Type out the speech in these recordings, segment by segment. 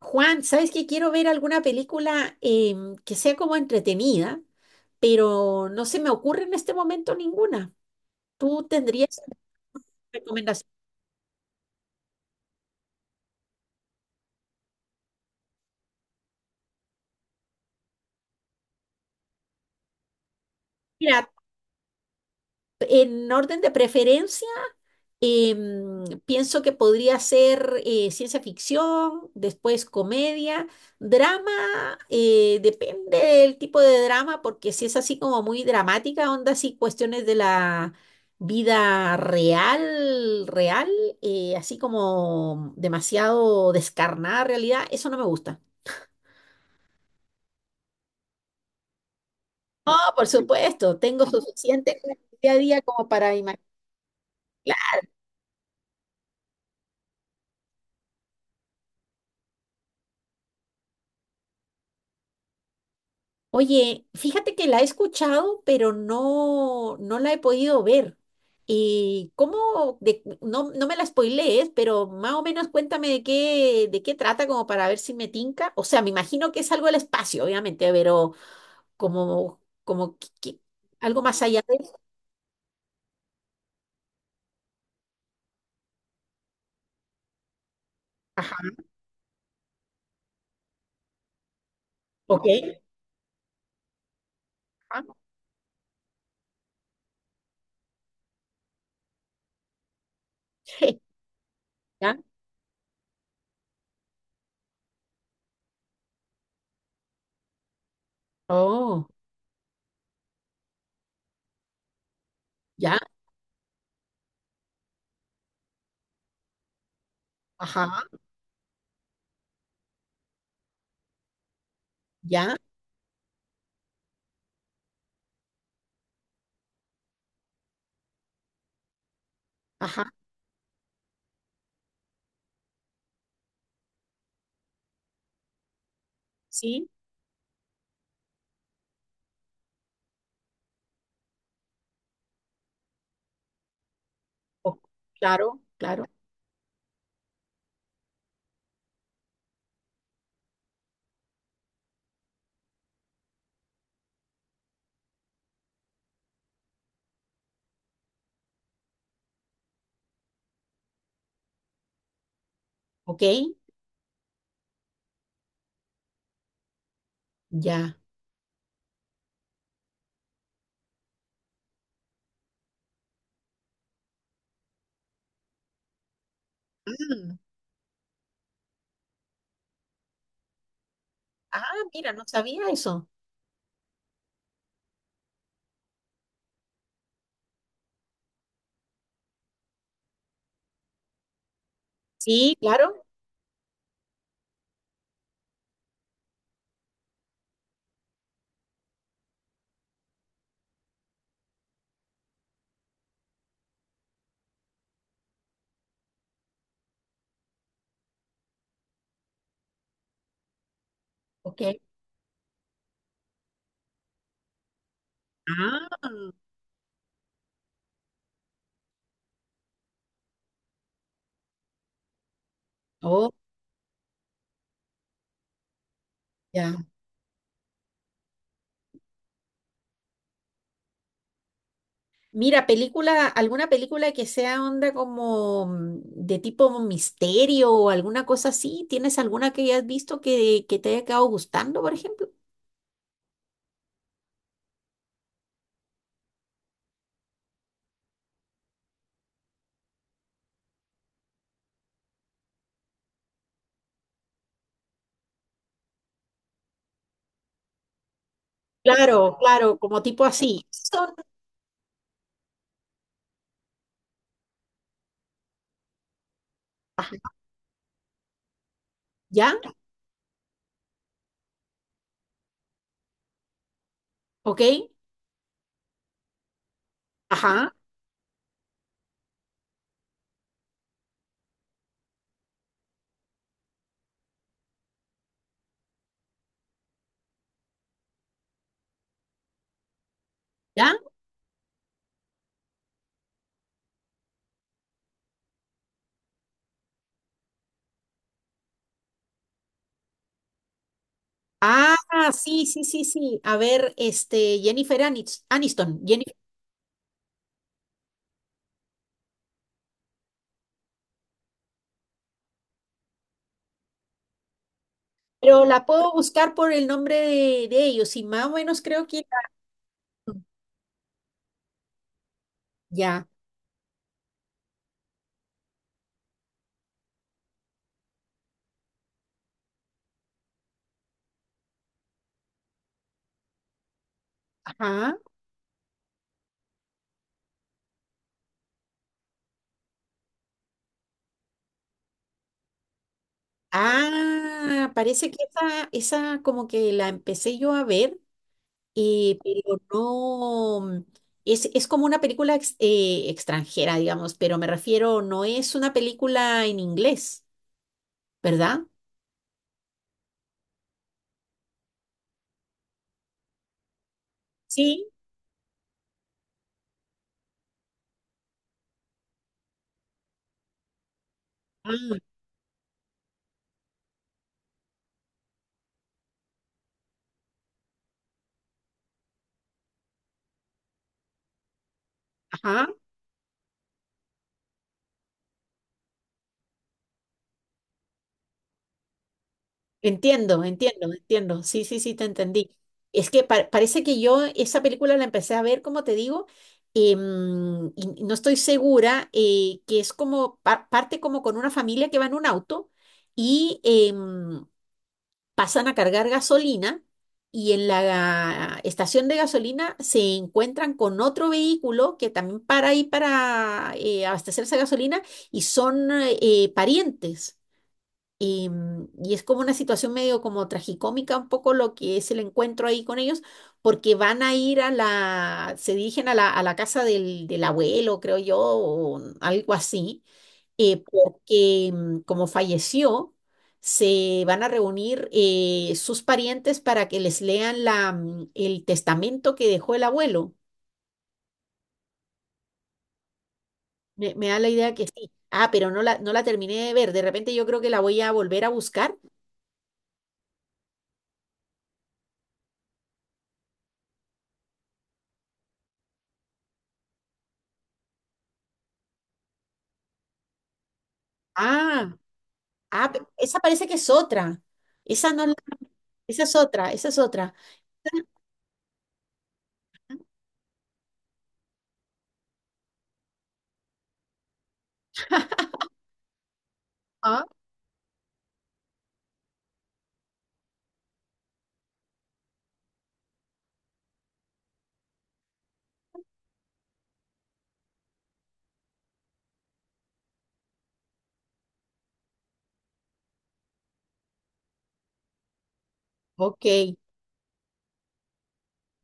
Juan, ¿sabes qué? Quiero ver alguna película que sea como entretenida, pero no se me ocurre en este momento ninguna. ¿Tú tendrías recomendación? Mira, en orden de preferencia, pienso que podría ser ciencia ficción, después comedia, drama, depende del tipo de drama, porque si es así como muy dramática, onda así cuestiones de la vida real, así como demasiado descarnada realidad, eso no me gusta. No, por supuesto, tengo suficiente en el día a día como para imaginar. Oye, fíjate que la he escuchado, pero no la he podido ver. ¿Y cómo? No, no me la spoilees, pero más o menos cuéntame de de qué trata, como para ver si me tinca. O sea, me imagino que es algo del espacio, obviamente, pero como, como que- que- algo más allá de eso. Ajá, ok. Ajá, ya. Oh, ya. Ajá, ya. Ajá, sí. o- claro, claro. Ok, ya. Ah, mira, no sabía eso. Sí, claro. Ok. Ah, oh, ya. Mira, película, alguna película que sea onda como de tipo misterio o alguna cosa así. ¿Tienes alguna que hayas visto que te haya quedado gustando, por ejemplo? Claro, claro, como tipo así. Ajá, ¿ya? ¿Ok? Ajá, ¿ya? Ah, sí, sí, sí, sí. A ver, este, Jennifer Aniston. Pero la puedo buscar por el nombre de ellos y más o menos creo que ya, ajá. Ah, parece que esa como que la empecé yo a ver, pero no, es como una película extranjera, digamos, pero me refiero, no es una película en inglés, ¿verdad? Sí. Ah, ajá. Entiendo, entiendo, entiendo. Sí, sí, sí, te entendí. Es que parece que yo esa película la empecé a ver, como te digo, y no estoy segura, que es como parte como con una familia que va en un auto y pasan a cargar gasolina y en la estación de gasolina se encuentran con otro vehículo que también para ahí para abastecerse de gasolina y son parientes. Y, y es como una situación medio como tragicómica un poco lo que es el encuentro ahí con ellos, porque van a ir a se dirigen a a la casa del abuelo, creo yo, o algo así, porque como falleció, se van a reunir sus parientes para que les lean el testamento que dejó el abuelo. Me da la idea que sí. Ah, pero no la terminé de ver. De repente yo creo que la voy a volver a buscar. Ah. Ah, esa parece que es otra. Esa no, esa es otra, esa es otra. Ah, ok.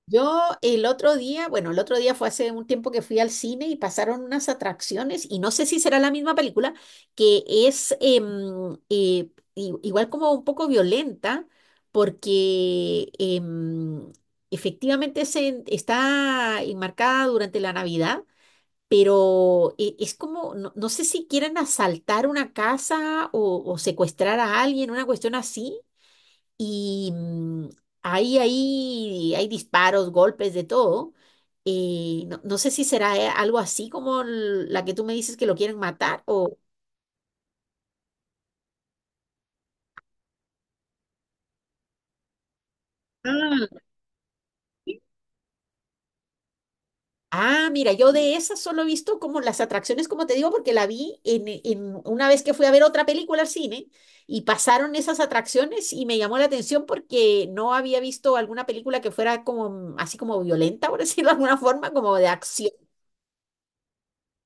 Yo el otro día, bueno, el otro día fue hace un tiempo que fui al cine y pasaron unas atracciones, y no sé si será la misma película, que es igual como un poco violenta, porque efectivamente se, está enmarcada durante la Navidad. Pero es como, no, no sé si quieren asaltar una casa o secuestrar a alguien, una cuestión así. Y ahí, ahí hay disparos, golpes, de todo. Y no, no sé si será algo así como la que tú me dices que lo quieren matar o... Ah. Ah, mira, yo de esas solo he visto como las atracciones, como te digo, porque la vi en una vez que fui a ver otra película al cine y pasaron esas atracciones y me llamó la atención porque no había visto alguna película que fuera como así como violenta, por decirlo de alguna forma, como de acción.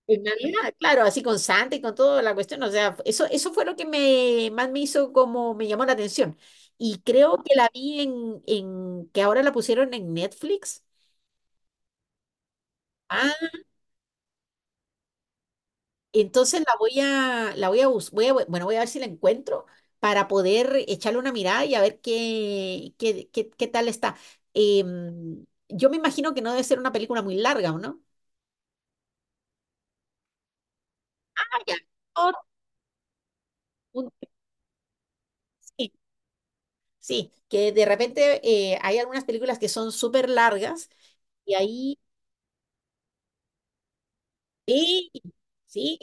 En realidad, claro, así con sangre y con toda la cuestión, o sea, eso fue lo que me, más me hizo como me llamó la atención. Y creo que la vi en que ahora la pusieron en Netflix. Ah, entonces la voy a, bueno, voy a ver si la encuentro para poder echarle una mirada y a ver qué, qué, qué, qué tal está. Yo me imagino que no debe ser una película muy larga, ¿o no? Ah, ya. Un- sí, sí, que de repente hay algunas películas que son súper largas y ahí, sí, sí,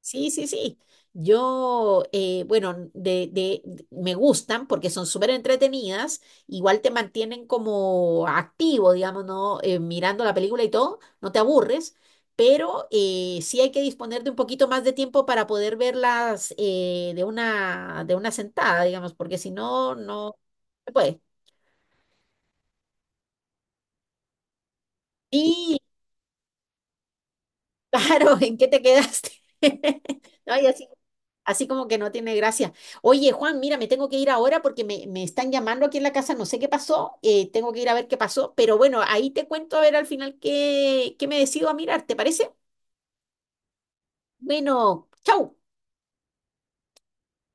sí, sí, sí. Yo, bueno, me gustan porque son súper entretenidas, igual te mantienen como activo, digamos, ¿no? Mirando la película y todo, no te aburres, pero sí hay que disponer de un poquito más de tiempo para poder verlas de de una sentada, digamos, porque si no, no se puede. Y claro, ¿en qué te quedaste? No, y así así como que no tiene gracia. Oye, Juan, mira, me tengo que ir ahora porque me están llamando aquí en la casa, no sé qué pasó, tengo que ir a ver qué pasó, pero bueno, ahí te cuento a ver al final qué me decido a mirar, ¿te parece? Bueno, chau.